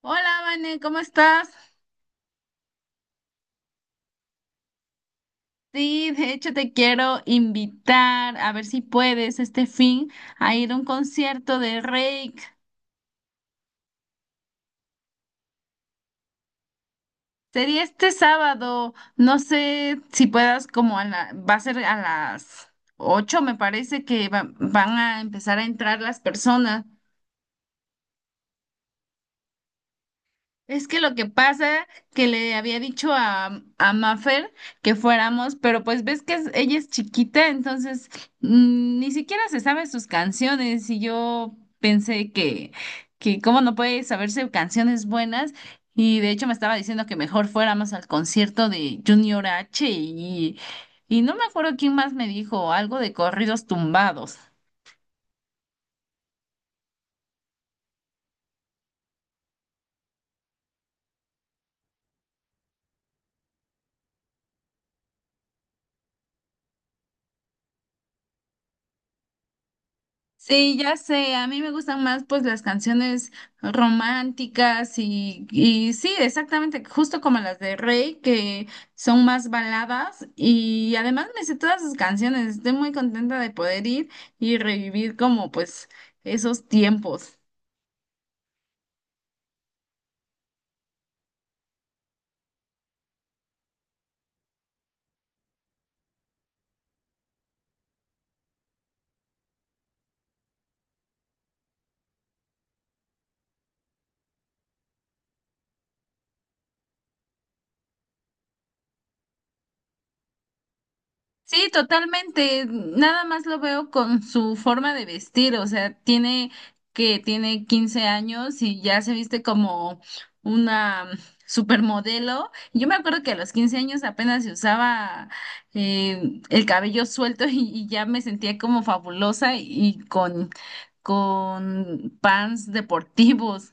Hola, Vane, ¿cómo estás? Sí, de hecho te quiero invitar a ver si puedes este fin a ir a un concierto de Reik. Sería este sábado, no sé si puedas como a la, va a ser a las 8. Me parece que van a empezar a entrar las personas. Es que lo que pasa que le había dicho a Mafer que fuéramos, pero pues ves que ella es chiquita, entonces ni siquiera se sabe sus canciones y yo pensé que cómo no puede saberse canciones buenas. Y de hecho me estaba diciendo que mejor fuéramos al concierto de Junior H y no me acuerdo quién más me dijo algo de corridos tumbados. Sí, ya sé, a mí me gustan más pues las canciones románticas y sí, exactamente, justo como las de Rey, que son más baladas y además me sé todas sus canciones. Estoy muy contenta de poder ir y revivir como pues esos tiempos. Sí, totalmente. Nada más lo veo con su forma de vestir, o sea, tiene 15 años y ya se viste como una supermodelo. Yo me acuerdo que a los 15 años apenas se usaba el cabello suelto y ya me sentía como fabulosa y con pants deportivos.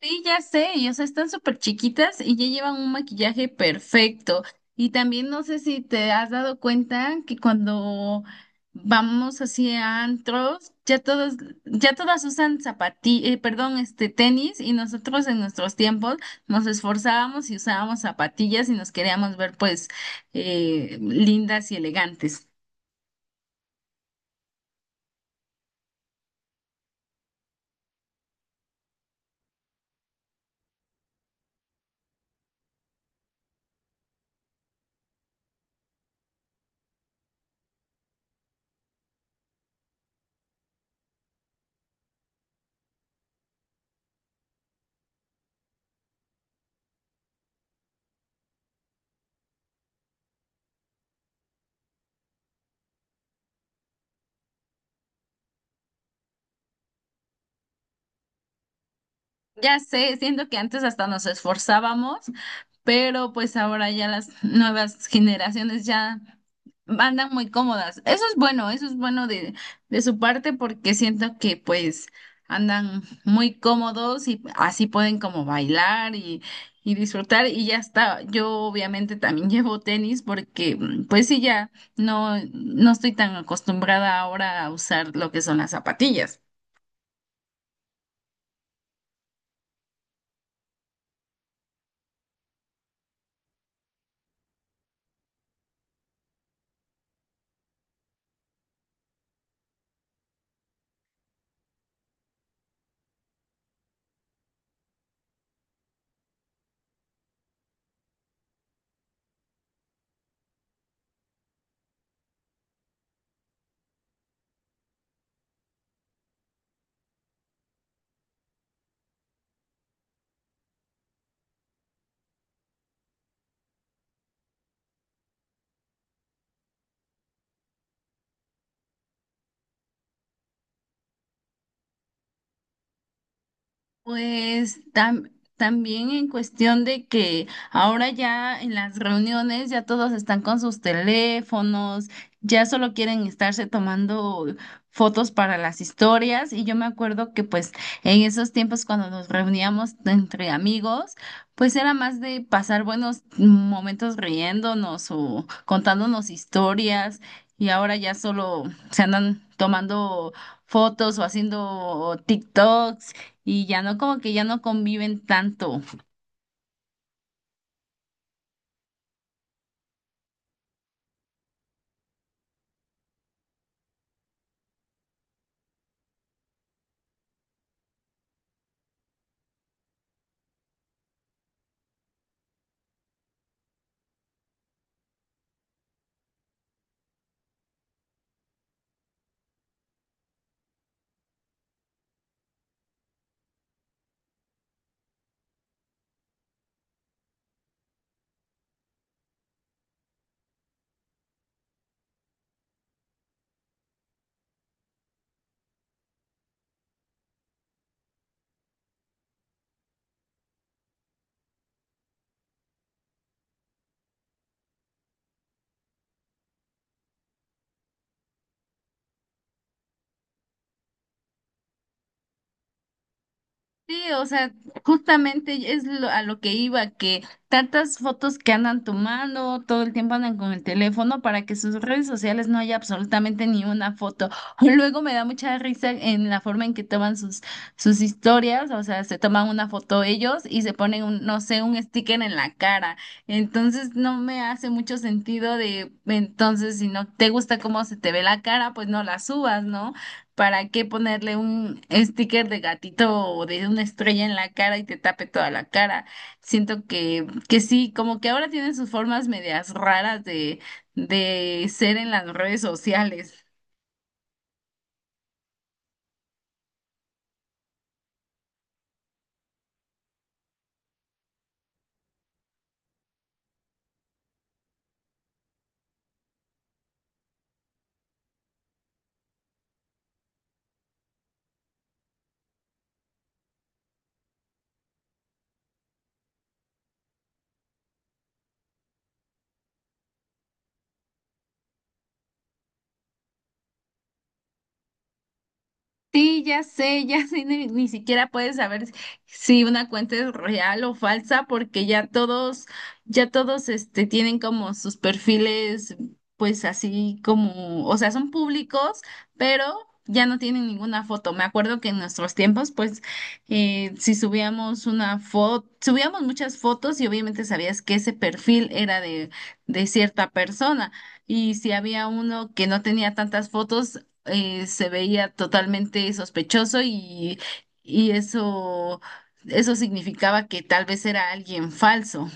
Sí, ya sé, y o sea, están súper chiquitas y ya llevan un maquillaje perfecto. Y también no sé si te has dado cuenta que cuando vamos así a antros, ya todos, ya todas usan zapatillas, perdón, este tenis, y nosotros en nuestros tiempos nos esforzábamos y usábamos zapatillas y nos queríamos ver pues lindas y elegantes. Ya sé, siento que antes hasta nos esforzábamos, pero pues ahora ya las nuevas generaciones ya andan muy cómodas. Eso es bueno de su parte porque siento que pues andan muy cómodos y así pueden como bailar y disfrutar y ya está. Yo obviamente también llevo tenis porque pues sí, ya no estoy tan acostumbrada ahora a usar lo que son las zapatillas. Pues también en cuestión de que ahora ya en las reuniones ya todos están con sus teléfonos, ya solo quieren estarse tomando fotos para las historias. Y yo me acuerdo que pues en esos tiempos cuando nos reuníamos entre amigos, pues era más de pasar buenos momentos riéndonos o contándonos historias, y ahora ya solo se andan tomando fotos o haciendo TikToks y ya no, como que ya no conviven tanto. Sí, o sea, justamente es a lo que iba, que tantas fotos que andan tomando, todo el tiempo andan con el teléfono, para que sus redes sociales no haya absolutamente ni una foto. Luego me da mucha risa en la forma en que toman sus, sus historias, o sea, se toman una foto ellos y se ponen un, no sé, un sticker en la cara. Entonces no me hace mucho sentido de, entonces, si no te gusta cómo se te ve la cara, pues no la subas, ¿no? ¿Para qué ponerle un sticker de gatito o de una estrella en la cara y te tape toda la cara? Siento que sí, como que ahora tienen sus formas medias raras de ser en las redes sociales. Sí, ya sé, ya sé, ni, ni siquiera puedes saber si una cuenta es real o falsa, porque ya todos, este, tienen como sus perfiles, pues así como, o sea, son públicos, pero ya no tienen ninguna foto. Me acuerdo que en nuestros tiempos, pues, si subíamos una foto, subíamos muchas fotos y obviamente sabías que ese perfil era de cierta persona. Y si había uno que no tenía tantas fotos, se veía totalmente sospechoso y eso significaba que tal vez era alguien falso.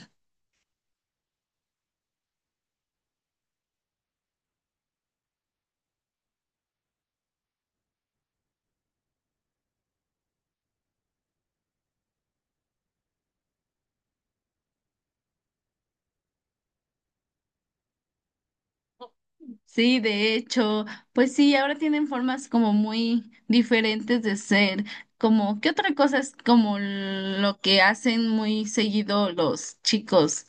Sí, de hecho, pues sí, ahora tienen formas como muy diferentes de ser, como qué otra cosa es como lo que hacen muy seguido los chicos.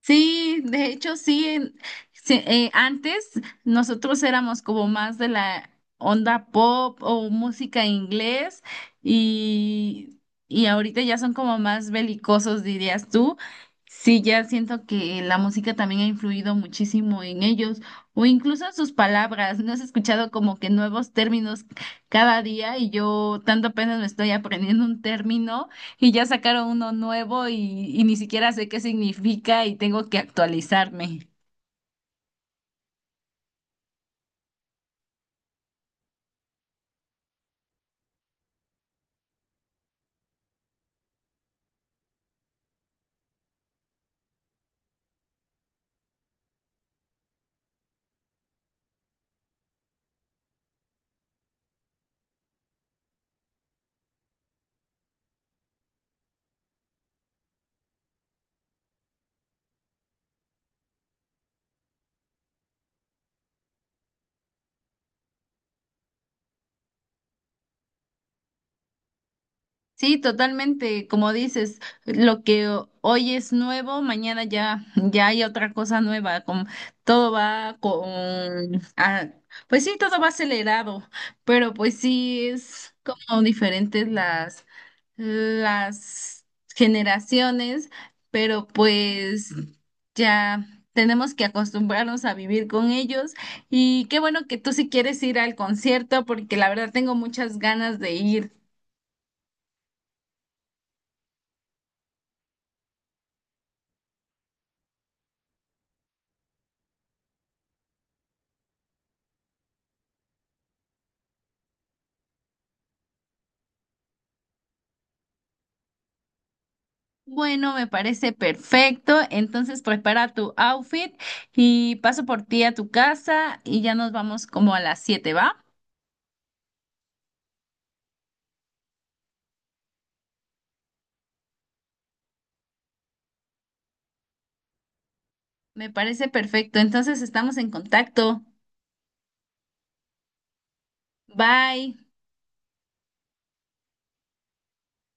Sí, de hecho sí, sí, antes nosotros éramos como más de la onda pop o música inglés y, y ahorita ya son como más belicosos, dirías tú. Sí, ya siento que la música también ha influido muchísimo en ellos o incluso en sus palabras. No has escuchado como que nuevos términos cada día, y yo tanto apenas me estoy aprendiendo un término. Y ya sacaron uno nuevo y ni siquiera sé qué significa y tengo que actualizarme. Sí, totalmente, como dices, lo que hoy es nuevo, mañana ya, ya hay otra cosa nueva, con, todo va con, ah, pues sí, todo va acelerado, pero pues sí es como diferentes las generaciones, pero pues ya tenemos que acostumbrarnos a vivir con ellos. Y qué bueno que tú sí quieres ir al concierto, porque la verdad tengo muchas ganas de ir. Bueno, me parece perfecto. Entonces prepara tu outfit y paso por ti a tu casa y ya nos vamos como a las 7, ¿va? Me parece perfecto. Entonces estamos en contacto. Bye.